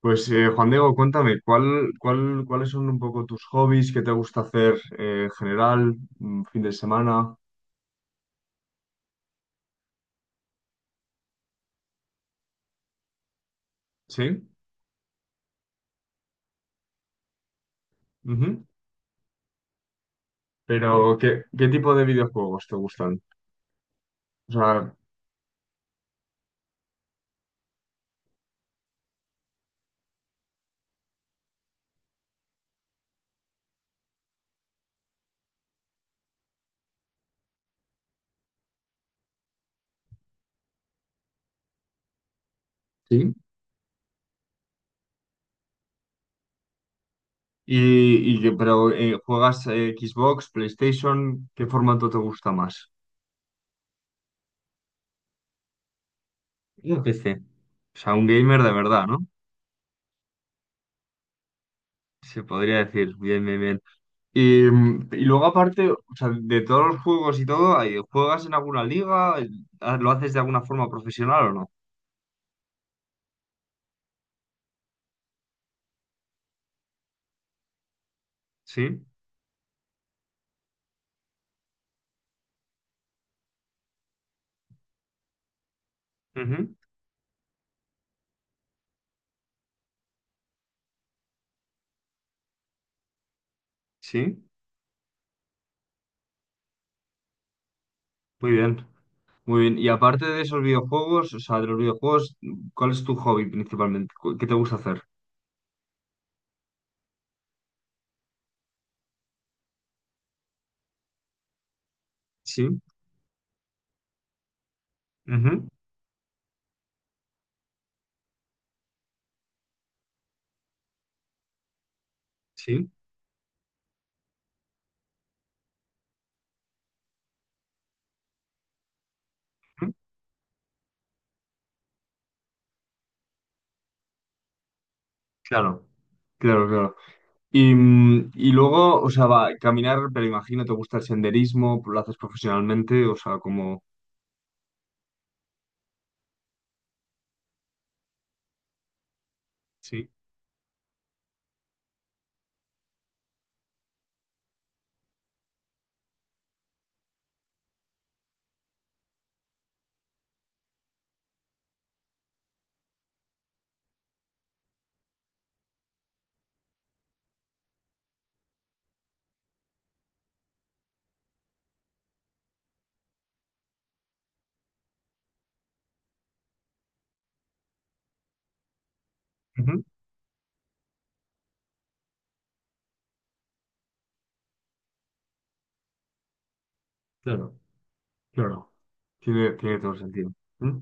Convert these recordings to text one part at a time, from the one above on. Pues Juan Diego, cuéntame, ¿ cuáles son un poco tus hobbies? ¿Qué te gusta hacer en general? ¿Fin de semana? ¿Sí? Ujú. Pero, ¿ qué tipo de videojuegos te gustan? O sea, sí. Y ¿juegas Xbox, PlayStation? ¿Qué formato te gusta más? Yo PC. O sea, un gamer de verdad, ¿no? Se podría decir, bien, bien, bien. Y, y luego aparte, o sea, de todos los juegos y todo, ahí, ¿juegas en alguna liga? Ah, ¿lo haces de alguna forma profesional o no? Sí, ujú, sí, muy bien, muy bien. Y aparte de esos videojuegos, o sea, de los videojuegos, ¿cuál es tu hobby principalmente? ¿Qué te gusta hacer? Sí, ujú, sí, ujú, claro, claro, claro. Y, y luego, o sea, va, caminar, pero imagino te gusta el senderismo, lo haces profesionalmente, o sea, como... Sí, ujú, claro, claro. Tiene, tiene todo el sentido. ¿Mm?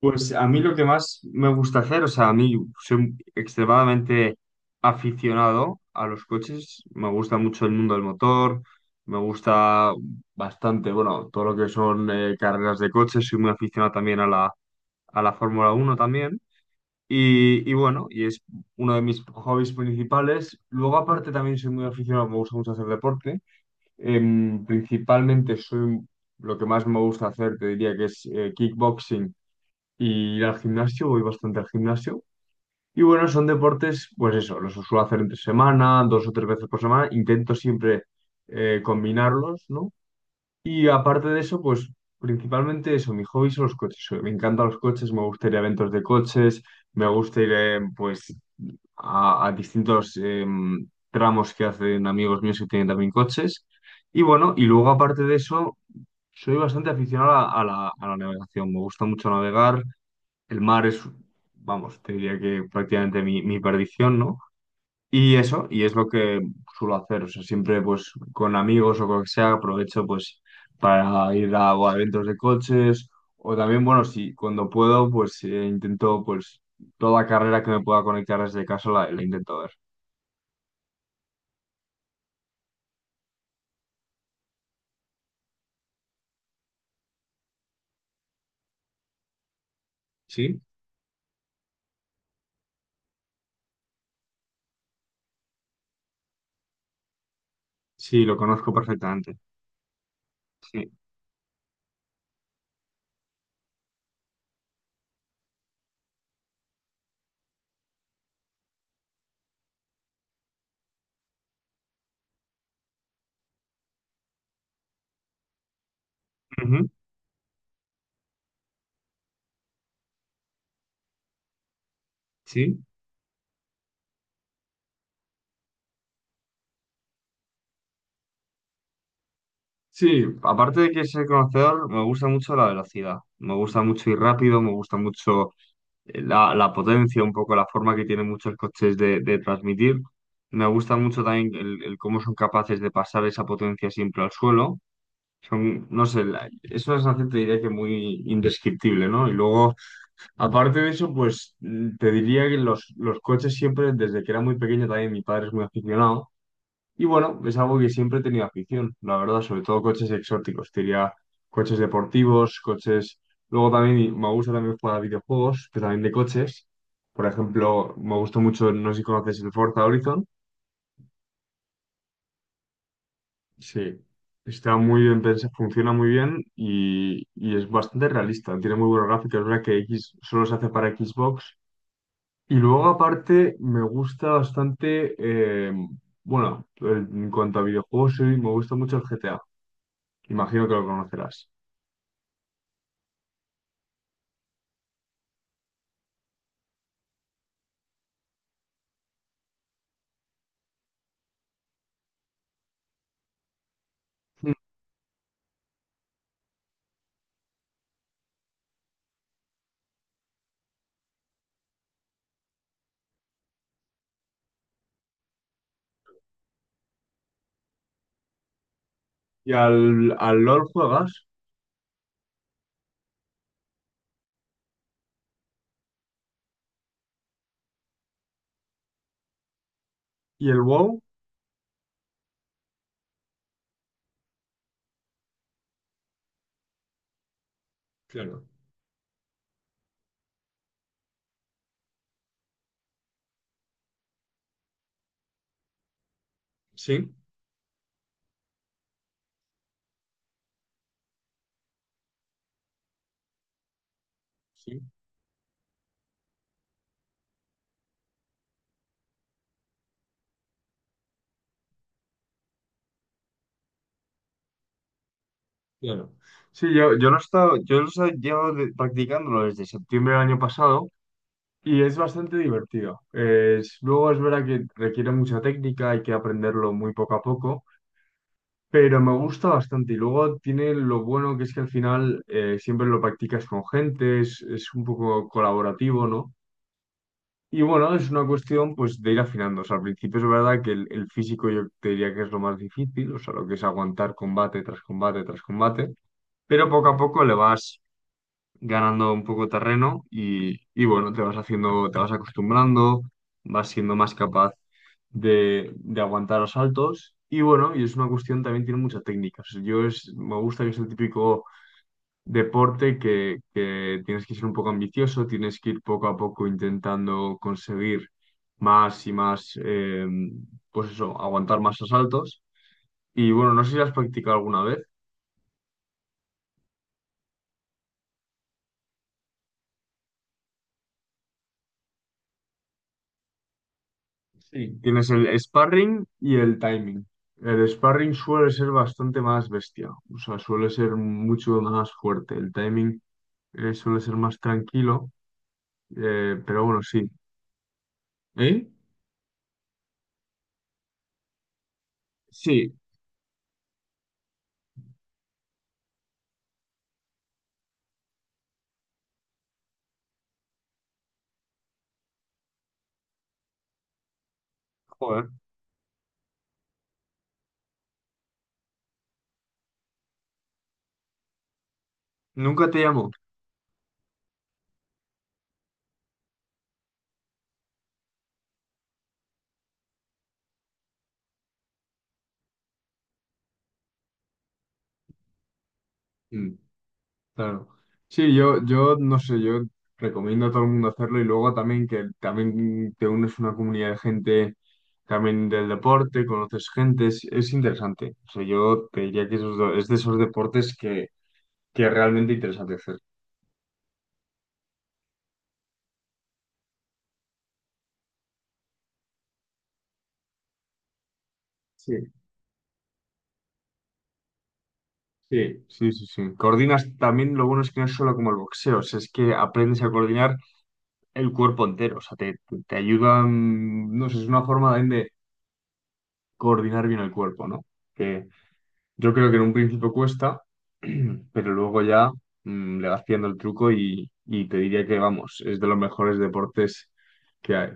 Pues a mí lo que más me gusta hacer, o sea, a mí soy extremadamente aficionado a los coches, me gusta mucho el mundo del motor, me gusta bastante, bueno, todo lo que son carreras de coches, soy muy aficionado también a a la Fórmula uno también, y bueno, y es uno de mis hobbies principales. Luego aparte también soy muy aficionado, me gusta mucho hacer deporte. Em, principalmente soy, un- lo que más me gusta hacer, te diría que es kickboxing y ir al gimnasio, voy bastante al gimnasio. Y bueno, son deportes, pues eso, los suelo hacer entre semana, dos o tres veces por semana, intento siempre combinarlos, ¿no? Y aparte de eso, pues principalmente eso, mi hobby son los coches. Me encantan los coches, me gusta ir a eventos de coches, me gusta ir, pues a distintos tramos que hacen amigos míos que tienen también coches. Y bueno, y luego aparte de eso, soy bastante aficionado a a la navegación. Me gusta mucho navegar. El mar es, vamos, te diría que prácticamente mi perdición, ¿no? Y eso, y es lo que suelo hacer. O sea, siempre pues con amigos o con lo que sea, aprovecho pues para ir a, o a eventos de coches. O también, bueno, si cuando puedo, pues intento pues toda carrera que me pueda conectar desde casa la intento ver. Sí, sí, lo conozco perfectamente. Sí, ujú, sí, sí. Aparte de que ser conocedor, me gusta mucho la velocidad. Me gusta mucho ir rápido, me gusta mucho la potencia, un poco la forma que tienen muchos coches de transmitir. Me gusta mucho también el cómo son capaces de pasar esa potencia siempre al suelo. Son, no sé, es una sensación, te diría que muy indescriptible, ¿no? Y luego, aparte de eso, pues te diría que los coches siempre, desde que era muy pequeño también, mi padre es muy aficionado. Y bueno, es algo que siempre he tenido afición, la verdad, sobre todo coches exóticos. Te diría coches deportivos, coches. Luego también me gusta también jugar a videojuegos, pero también de coches. Por ejemplo, me gustó mucho, no sé si conoces el Forza Horizon. Sí, está muy bien pensado, funciona muy bien y es bastante realista. Tiene muy buenos gráficos, es verdad que X solo se hace para Xbox. Y luego, aparte, me gusta bastante. Bueno, en cuanto a videojuegos, sí, me gusta mucho el GTA. Imagino que lo conocerás. Mm, ¿y al, al LOL juegas? ¿Y el WoW? Claro. Sí, sí, claro. Sí, yo, yo lo he llevado practicándolo desde septiembre del año pasado y es bastante divertido. Es, luego es verdad que requiere mucha técnica, hay que aprenderlo muy poco a poco, pero me gusta bastante. Y luego tiene lo bueno que es que al final siempre lo practicas con gente, es un poco colaborativo, ¿no? Y bueno, es una cuestión pues de ir afinando. O sea, al principio es verdad que el físico yo te diría que es lo más difícil, o sea, lo que es aguantar combate tras combate tras combate, pero poco a poco le vas ganando un poco terreno y bueno, te vas haciendo, te vas acostumbrando, vas siendo más capaz de aguantar asaltos y bueno, y es una cuestión también tiene mucha técnica. O sea, me gusta que es el típico deporte que tienes que ser un poco ambicioso, tienes que ir poco a poco intentando conseguir más y más, pues eso, aguantar más asaltos. Y bueno, no sé si has practicado alguna vez. Sí. Tienes el sparring y el timing. El sparring suele ser bastante más bestia, o sea, suele ser mucho más fuerte. El timing suele ser más tranquilo, pero bueno, sí. ¿Eh? Sí, joder. Nunca te llamo. Claro. Sí, yo no sé, yo recomiendo a todo el mundo hacerlo y luego también que también te unes a una comunidad de gente también del deporte, conoces gente, es interesante. O sea, yo te diría que es de esos deportes que es realmente interesante hacer. Sí. Sí, sí, sí, sí. Coordinas también, lo bueno es que no es solo como el boxeo, o sea, es que aprendes a coordinar el cuerpo entero, o sea, te, te ayuda, no sé, es una forma también de coordinar bien el cuerpo, ¿no? Que, yo creo que en un principio cuesta, pero luego ya le vas pillando el truco y te diría que, vamos, es de los mejores deportes que hay.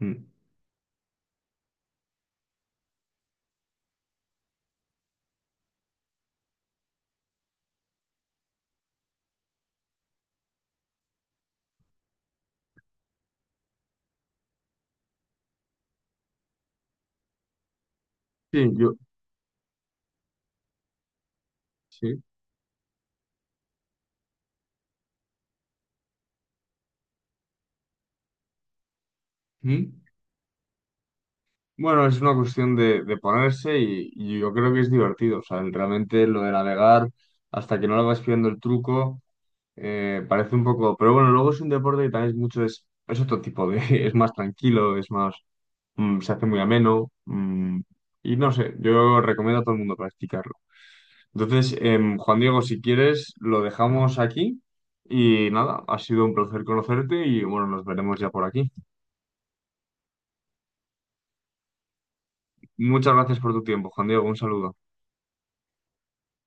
Mm. Sí, yo, sí. Mm. Bueno, es una cuestión de ponerse y yo creo que es divertido. O sea, realmente lo de navegar hasta que no le vas pillando el truco parece un poco... Pero bueno, luego es un deporte que también es mucho... es otro tipo de... Es más tranquilo, es más... se hace muy ameno. Y no sé, yo recomiendo a todo el mundo practicarlo. Entonces, Juan Diego, si quieres, lo dejamos aquí y nada, ha sido un placer conocerte y bueno, nos veremos ya por aquí. Muchas gracias por tu tiempo, Juan Diego, un saludo.